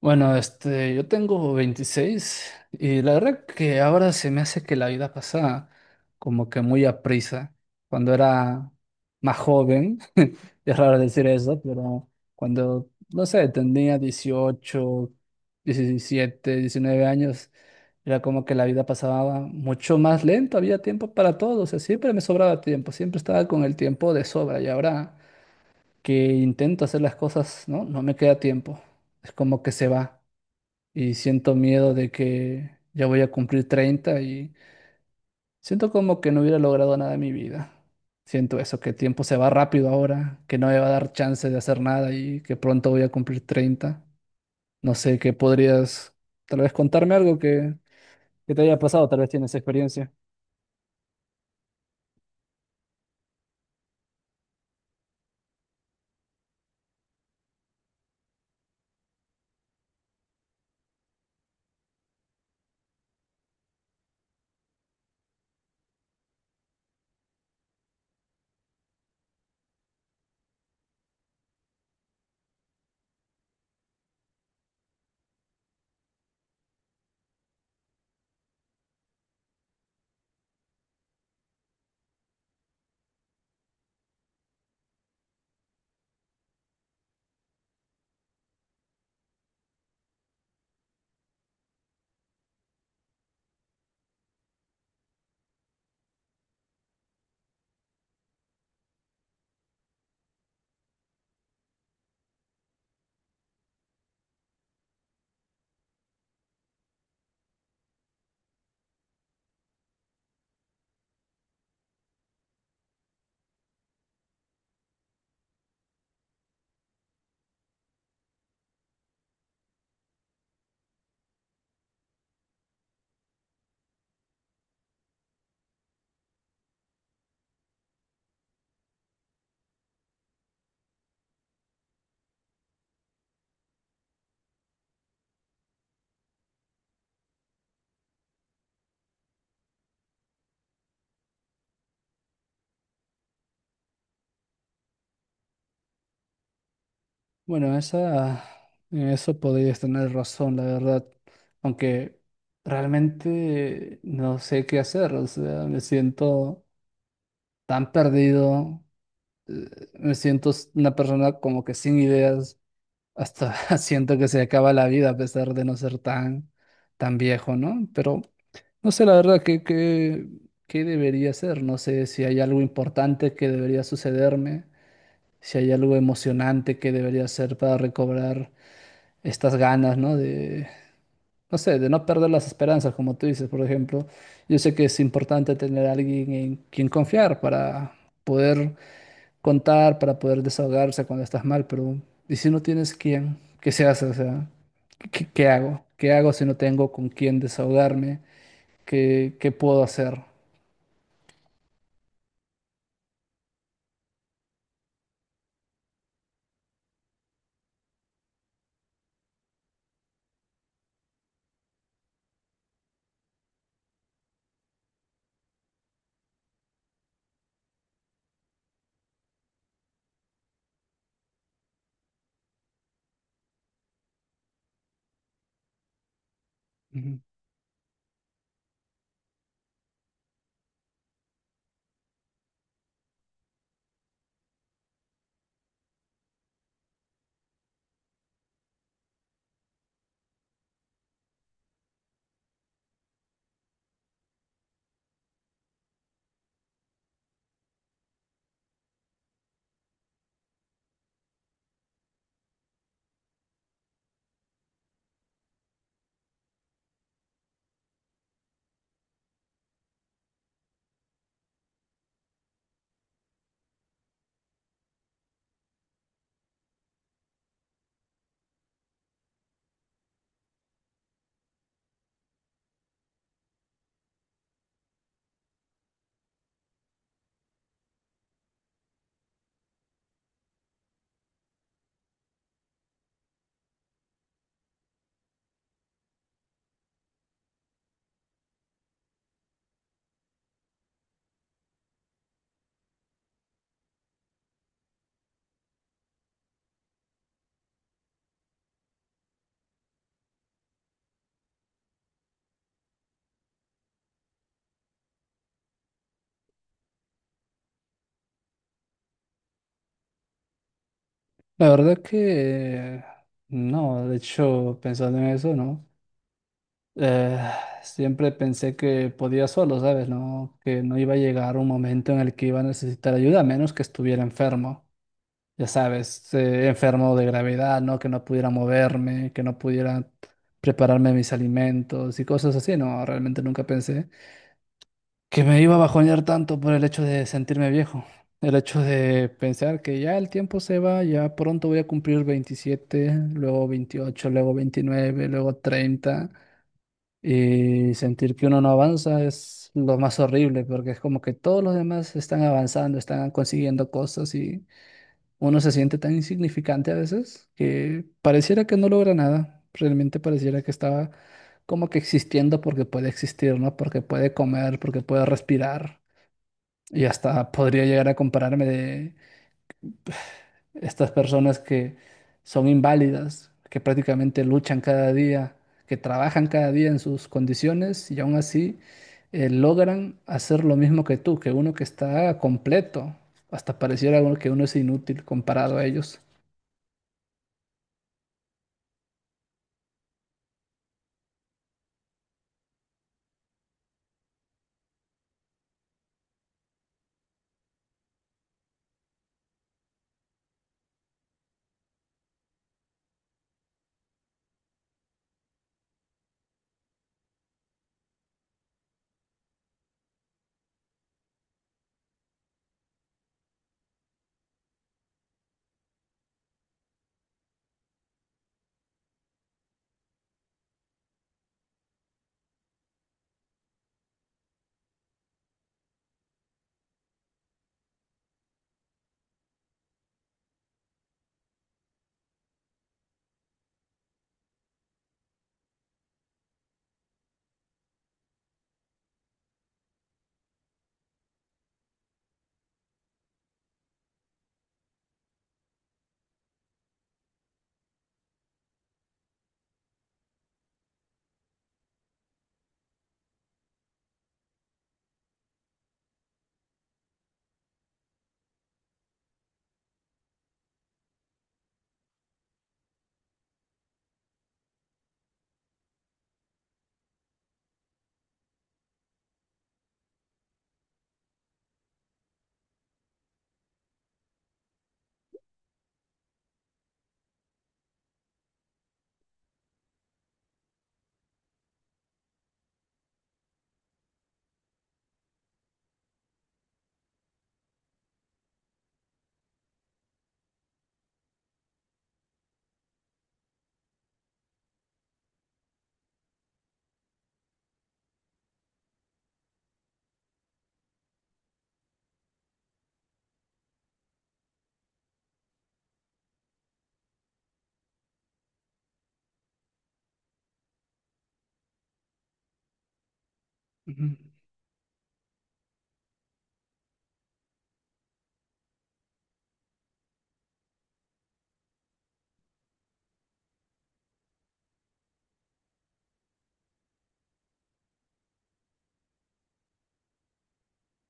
Bueno, yo tengo 26 y la verdad que ahora se me hace que la vida pasa como que muy aprisa. Cuando era más joven, es raro decir eso, pero cuando, no sé, tenía 18, 17, 19 años, era como que la vida pasaba mucho más lento, había tiempo para todo, o sea, siempre me sobraba tiempo, siempre estaba con el tiempo de sobra y ahora que intento hacer las cosas, ¿no? No me queda tiempo, es como que se va y siento miedo de que ya voy a cumplir 30 y siento como que no hubiera logrado nada en mi vida. Siento eso, que el tiempo se va rápido ahora, que no me va a dar chance de hacer nada y que pronto voy a cumplir 30. No sé, ¿qué podrías tal vez contarme algo que te haya pasado? Tal vez tienes experiencia. Bueno, en eso podrías tener razón, la verdad. Aunque realmente no sé qué hacer, o sea, me siento tan perdido, me siento una persona como que sin ideas, hasta siento que se acaba la vida a pesar de no ser tan, tan viejo, ¿no? Pero no sé la verdad qué debería ser, no sé si hay algo importante que debería sucederme, si hay algo emocionante que debería hacer para recobrar estas ganas, ¿no? De, no sé, de no perder las esperanzas, como tú dices, por ejemplo. Yo sé que es importante tener a alguien en quien confiar para poder contar para poder desahogarse cuando estás mal, pero ¿y si no tienes quién? ¿Qué se hace? O sea, ¿qué hago? ¿Qué hago si no tengo con quién desahogarme? ¿Qué puedo hacer? Ujú. La verdad que no, de hecho, pensando en eso, ¿no? Eh, Siempre pensé que podía solo, ¿sabes? No, que no iba a llegar un momento en el que iba a necesitar ayuda, a menos que estuviera enfermo. Ya sabes, enfermo de gravedad, ¿no? Que no pudiera moverme, que no pudiera prepararme mis alimentos y cosas así, ¿no? Realmente nunca pensé que me iba a bajonear tanto por el hecho de sentirme viejo, el hecho de pensar que ya el tiempo se va, ya pronto voy a cumplir 27, luego 28, luego 29, luego 30, y sentir que uno no avanza es lo más horrible porque es como que todos los demás están avanzando, están consiguiendo cosas y... Uno se siente tan insignificante a veces que pareciera que no logra nada. Realmente pareciera que estaba como que existiendo porque puede existir, ¿no? Porque puede comer, porque puede respirar. Y hasta podría llegar a compararme de estas personas que son inválidas, que prácticamente luchan cada día, que trabajan cada día en sus condiciones y aún así logran hacer lo mismo que tú, que uno que está completo. Hasta pareciera uno que uno es inútil comparado a ellos. Ujú.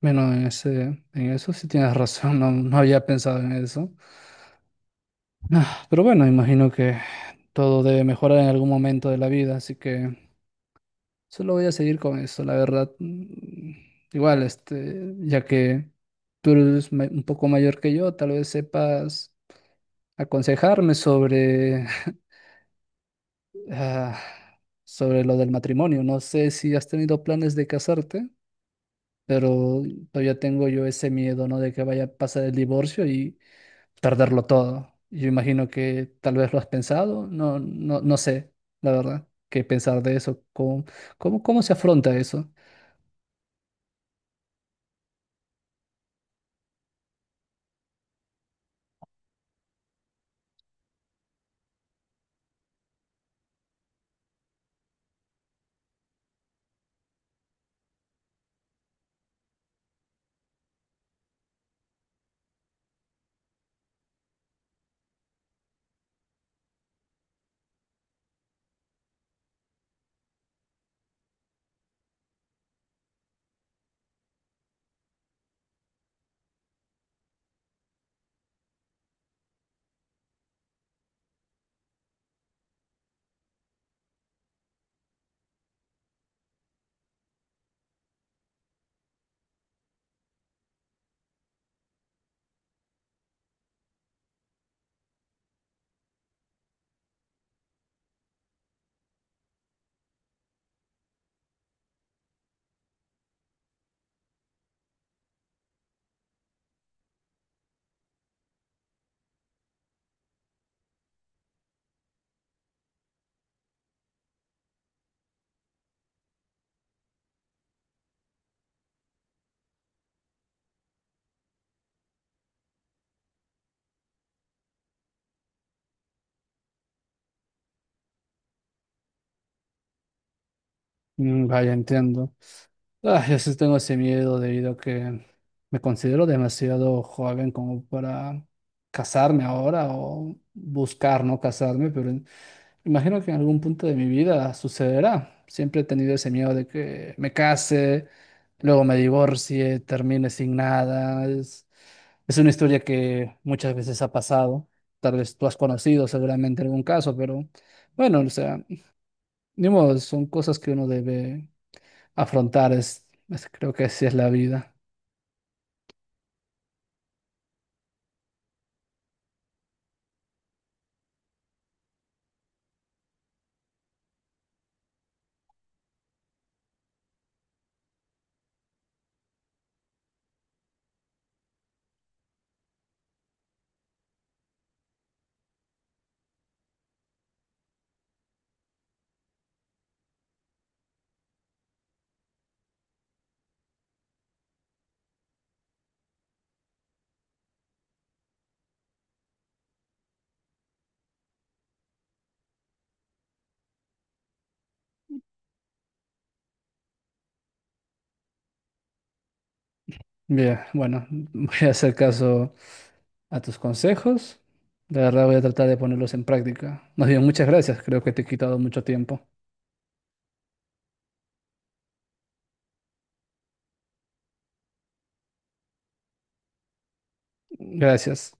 Bueno, en eso sí tienes razón, no, no había pensado en eso. Ah, pero bueno, imagino que todo debe mejorar en algún momento de la vida, así que solo voy a seguir con eso, la verdad. Igual, este, ya que tú eres un poco mayor que yo, tal vez sepas aconsejarme sobre, ah, sobre lo del matrimonio. No sé si has tenido planes de casarte, pero todavía tengo yo ese miedo, ¿no? De que vaya a pasar el divorcio y perderlo todo. Yo imagino que tal vez lo has pensado, no, no, no sé, la verdad, qué pensar de eso, cómo se afronta eso. Vaya, entiendo. Ah, yo sí tengo ese miedo debido a que me considero demasiado joven como para casarme ahora o buscar no casarme, pero imagino que en algún punto de mi vida sucederá. Siempre he tenido ese miedo de que me case, luego me divorcie, termine sin nada. Es una historia que muchas veces ha pasado. Tal vez tú has conocido seguramente algún caso, pero bueno, o sea, ni modo, son cosas que uno debe afrontar. Creo que así es la vida. Bien, bueno, voy a hacer caso a tus consejos. De verdad voy a tratar de ponerlos en práctica. Más bien, muchas gracias. Creo que te he quitado mucho tiempo. Gracias.